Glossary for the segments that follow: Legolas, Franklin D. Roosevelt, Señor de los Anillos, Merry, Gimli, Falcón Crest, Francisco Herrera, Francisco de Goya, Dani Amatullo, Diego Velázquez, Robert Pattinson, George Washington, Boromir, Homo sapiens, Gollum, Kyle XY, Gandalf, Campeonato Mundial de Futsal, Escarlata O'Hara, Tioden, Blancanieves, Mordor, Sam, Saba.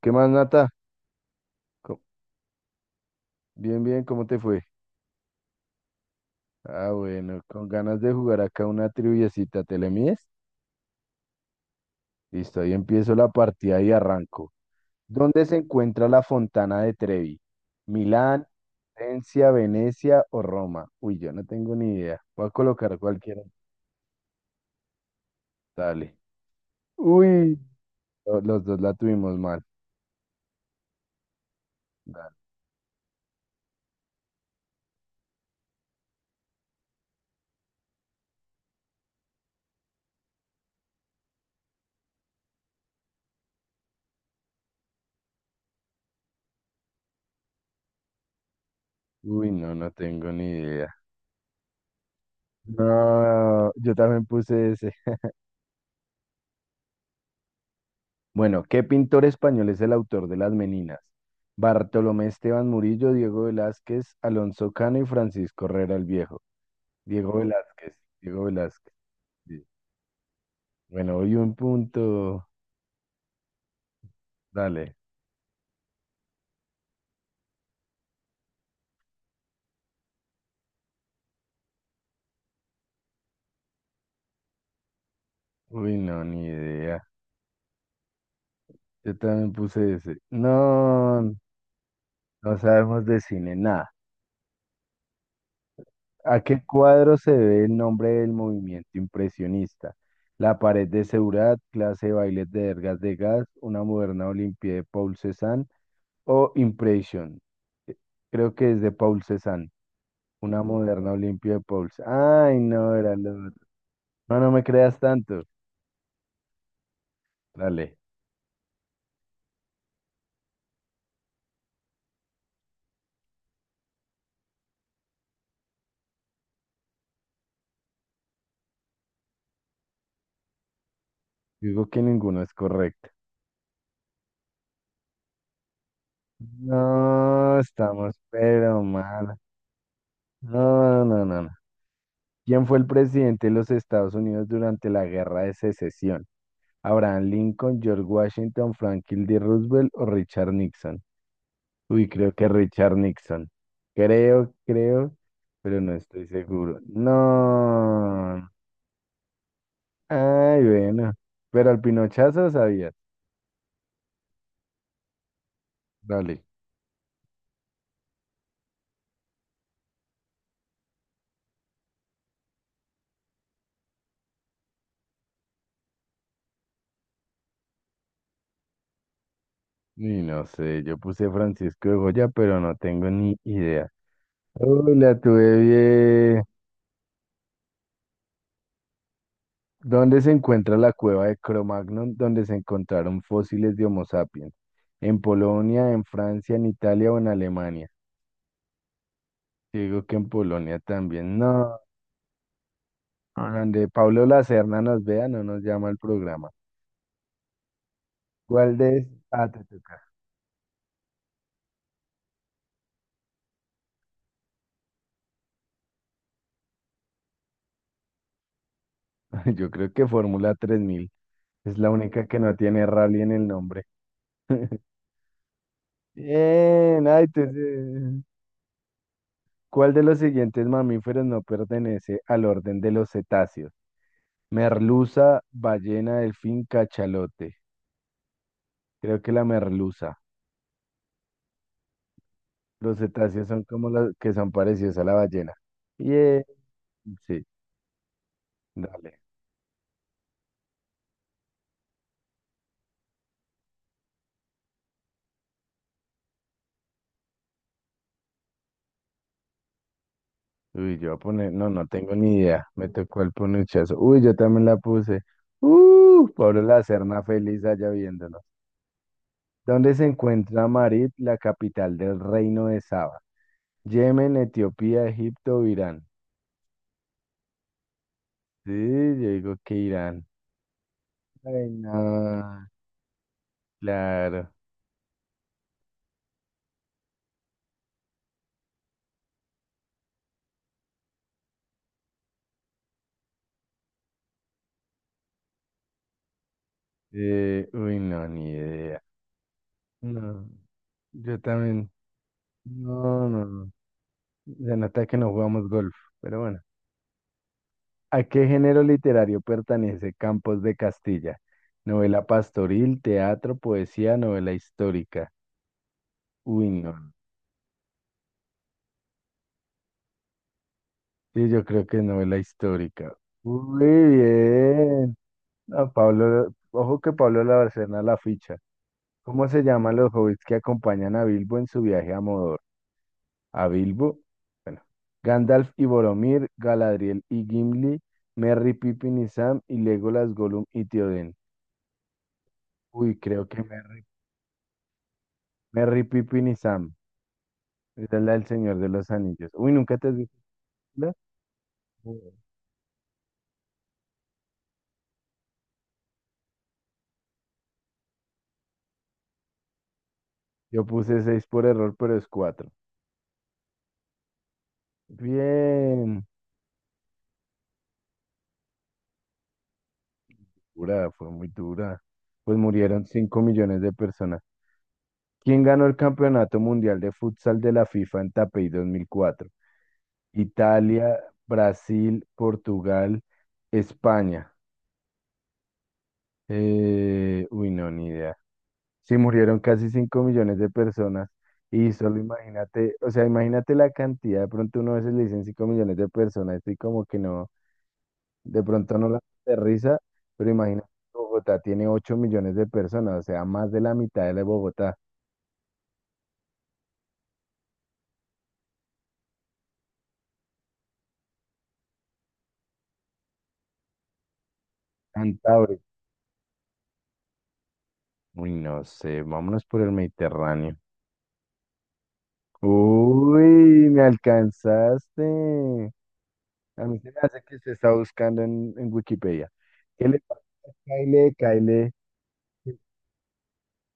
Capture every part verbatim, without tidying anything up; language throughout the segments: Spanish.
¿Qué más, Nata? Co- Bien, bien, ¿cómo te fue? Ah, bueno, con ganas de jugar acá una triviecita, ¿te le mides? Listo, ahí empiezo la partida y arranco. ¿Dónde se encuentra la Fontana de Trevi? ¿Milán, Florencia, Venecia o Roma? Uy, yo no tengo ni idea. Voy a colocar cualquiera. Dale. Uy, lo- los dos la tuvimos mal. Dale. Uy, no, no tengo ni idea. No, yo también puse ese. Bueno, ¿qué pintor español es el autor de Las Meninas? Bartolomé Esteban Murillo, Diego Velázquez, Alonso Cano y Francisco Herrera el Viejo. Diego Velázquez, Diego Velázquez. Sí. Bueno, hoy un punto. Dale. Uy, no, ni idea. Yo también puse ese. No, no sabemos de cine, nada. ¿A qué cuadro se debe el nombre del movimiento impresionista? La pared de Seurat, clase de bailes de Ergas de Gas, una moderna Olimpia de Paul Cézanne o Impression. Eh, Creo que es de Paul Cézanne, una moderna Olimpia de Paul. Cé- Ay, no, era lo otro. No, no me creas tanto. Dale, digo que ninguno es correcto. No, estamos pero mal. No, no, no, no. ¿Quién fue el presidente de los Estados Unidos durante la Guerra de Secesión? ¿Abraham Lincoln, George Washington, Franklin D. Roosevelt o Richard Nixon? Uy, creo que Richard Nixon. Creo, creo, pero no estoy seguro. No. Ay, bueno. Pero al pinochazo sabías. Dale. Y no sé, yo puse Francisco de Goya, pero no tengo ni idea. Uy, la tuve bien. ¿Dónde se encuentra la cueva de Cro-Magnon, donde se encontraron fósiles de Homo sapiens? ¿En Polonia, en Francia, en Italia o en Alemania? Digo que en Polonia también. No. A donde Pablo Lacerna nos vea, no nos llama al programa. ¿Cuál de...? ¿Es? Ah, te toca. Yo creo que Fórmula Tres Mil. Es la única que no tiene rally en el nombre. Bien, ay, entonces, ¿cuál de los siguientes mamíferos no pertenece al orden de los cetáceos? Merluza, ballena, delfín, cachalote. Creo que la merluza. Los cetáceos son como los que son parecidos a la ballena. Bien, sí, dale. Uy, yo voy a poner, no, no tengo ni idea. Me tocó el ponuchazo. Uy, yo también la puse. Uh, Pablo la Serna feliz allá viéndonos. ¿Dónde se encuentra Marib, la capital del reino de Saba? Yemen, Etiopía, Egipto, Irán. Sí, yo digo que Irán. Ay, no, claro. Eh, uy, no, ni idea. No, yo también. No, no, no. Se nota que no jugamos golf, pero bueno. ¿A qué género literario pertenece Campos de Castilla? Novela pastoril, teatro, poesía, novela histórica. Uy, no. Sí, yo creo que es novela histórica. Muy bien. Ah, Pablo, ojo que Pablo Labarcena la ficha. ¿Cómo se llaman los hobbits que acompañan a Bilbo en su viaje a Mordor? A Bilbo, bueno, Gandalf y Boromir, Galadriel y Gimli, Merry, Pippin y Sam y Legolas, Gollum y Tioden. Uy, creo que Merry, Merry, Pippin y Sam. Esa es la del Señor de los Anillos. Uy, ¿nunca te has visto la? Yo puse seis por error, pero es cuatro. Bien. Dura, fue muy dura. Pues murieron cinco millones de personas. ¿Quién ganó el Campeonato Mundial de Futsal de la FIFA en Taipei dos mil cuatro? Italia, Brasil, Portugal, España. Eh, uy, no, ni idea. Sí, murieron casi cinco millones de personas y solo imagínate, o sea, imagínate la cantidad, de pronto uno a veces le dicen cinco millones de personas y como que no, de pronto no la aterriza, pero imagínate, Bogotá tiene ocho millones de personas, o sea, más de la mitad de la de Bogotá, Cantabria. Uy, no sé, vámonos por el Mediterráneo. Uy, me alcanzaste. A mí se me hace que se está buscando en, en Wikipedia. ¿Qué le pasa? Caile, Caile.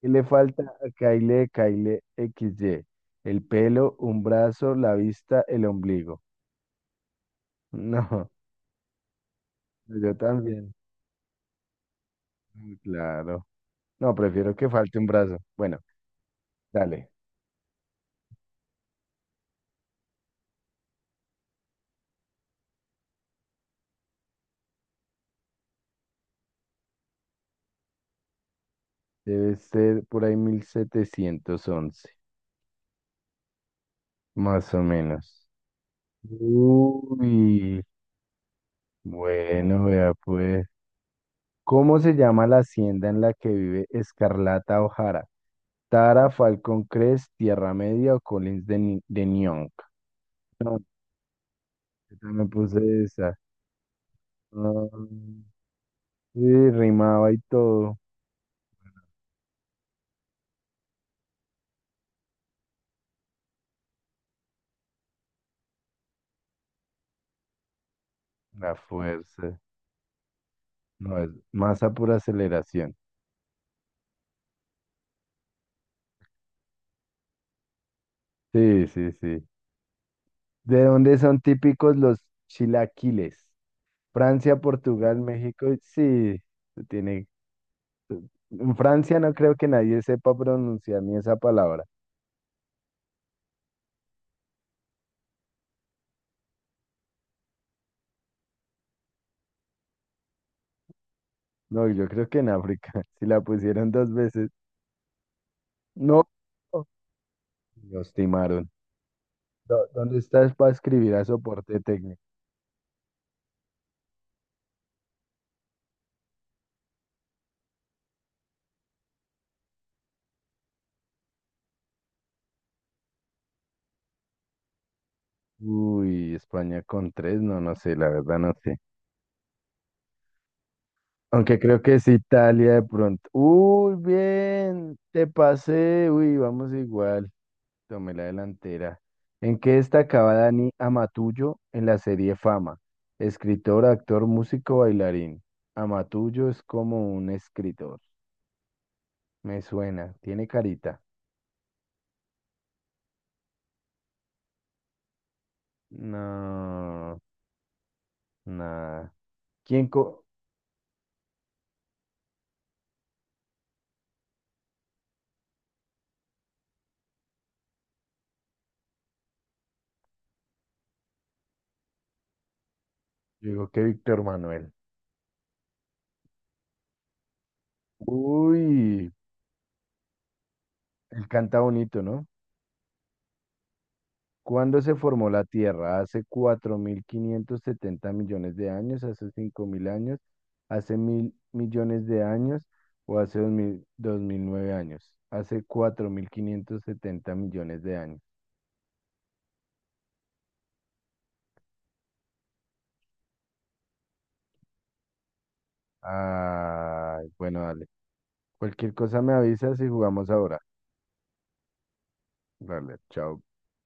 ¿Qué le falta a Kyle Kyle X Y? El pelo, un brazo, la vista, el ombligo. No, yo también. Mm, claro. No, prefiero que falte un brazo. Bueno, dale. Debe ser por ahí mil setecientos once más o menos. Uy, bueno, vea pues. ¿Cómo se llama la hacienda en la que vive Escarlata O'Hara? Tara, Falcón Crest, Tierra Media o Collins de, Ni- de Nyong? Yo también puse esa. Ah, sí, rimaba y todo. La fuerza. No, es masa por aceleración. Sí, sí, sí. ¿De dónde son típicos los chilaquiles? Francia, Portugal, México. y- Sí, se tiene. En Francia no creo que nadie sepa pronunciar ni esa palabra. No, yo creo que en África. Si la pusieron dos veces. No. Los timaron. ¿Dó- ¿Dónde estás para escribir a soporte técnico? Uy, España con tres, no, no sé, la verdad no sé. Aunque creo que es Italia de pronto. Uy, bien, te pasé. Uy, vamos igual. Tomé la delantera. ¿En qué destacaba Dani Amatullo en la serie Fama? Escritor, actor, músico, bailarín. Amatullo es como un escritor. Me suena, tiene carita. No, nada. ¿Quién co? Digo que Víctor Manuel. Uy, él canta bonito, ¿no? ¿Cuándo se formó la Tierra? ¿Hace cuatro mil quinientos setenta millones de años? ¿Hace cinco mil años? ¿Hace mil millones de años? ¿O hace dos dos mil dos mil nueve años? Hace cuatro mil quinientos setenta millones de años. Ay, bueno, dale. Cualquier cosa me avisas y jugamos ahora. Dale, chao.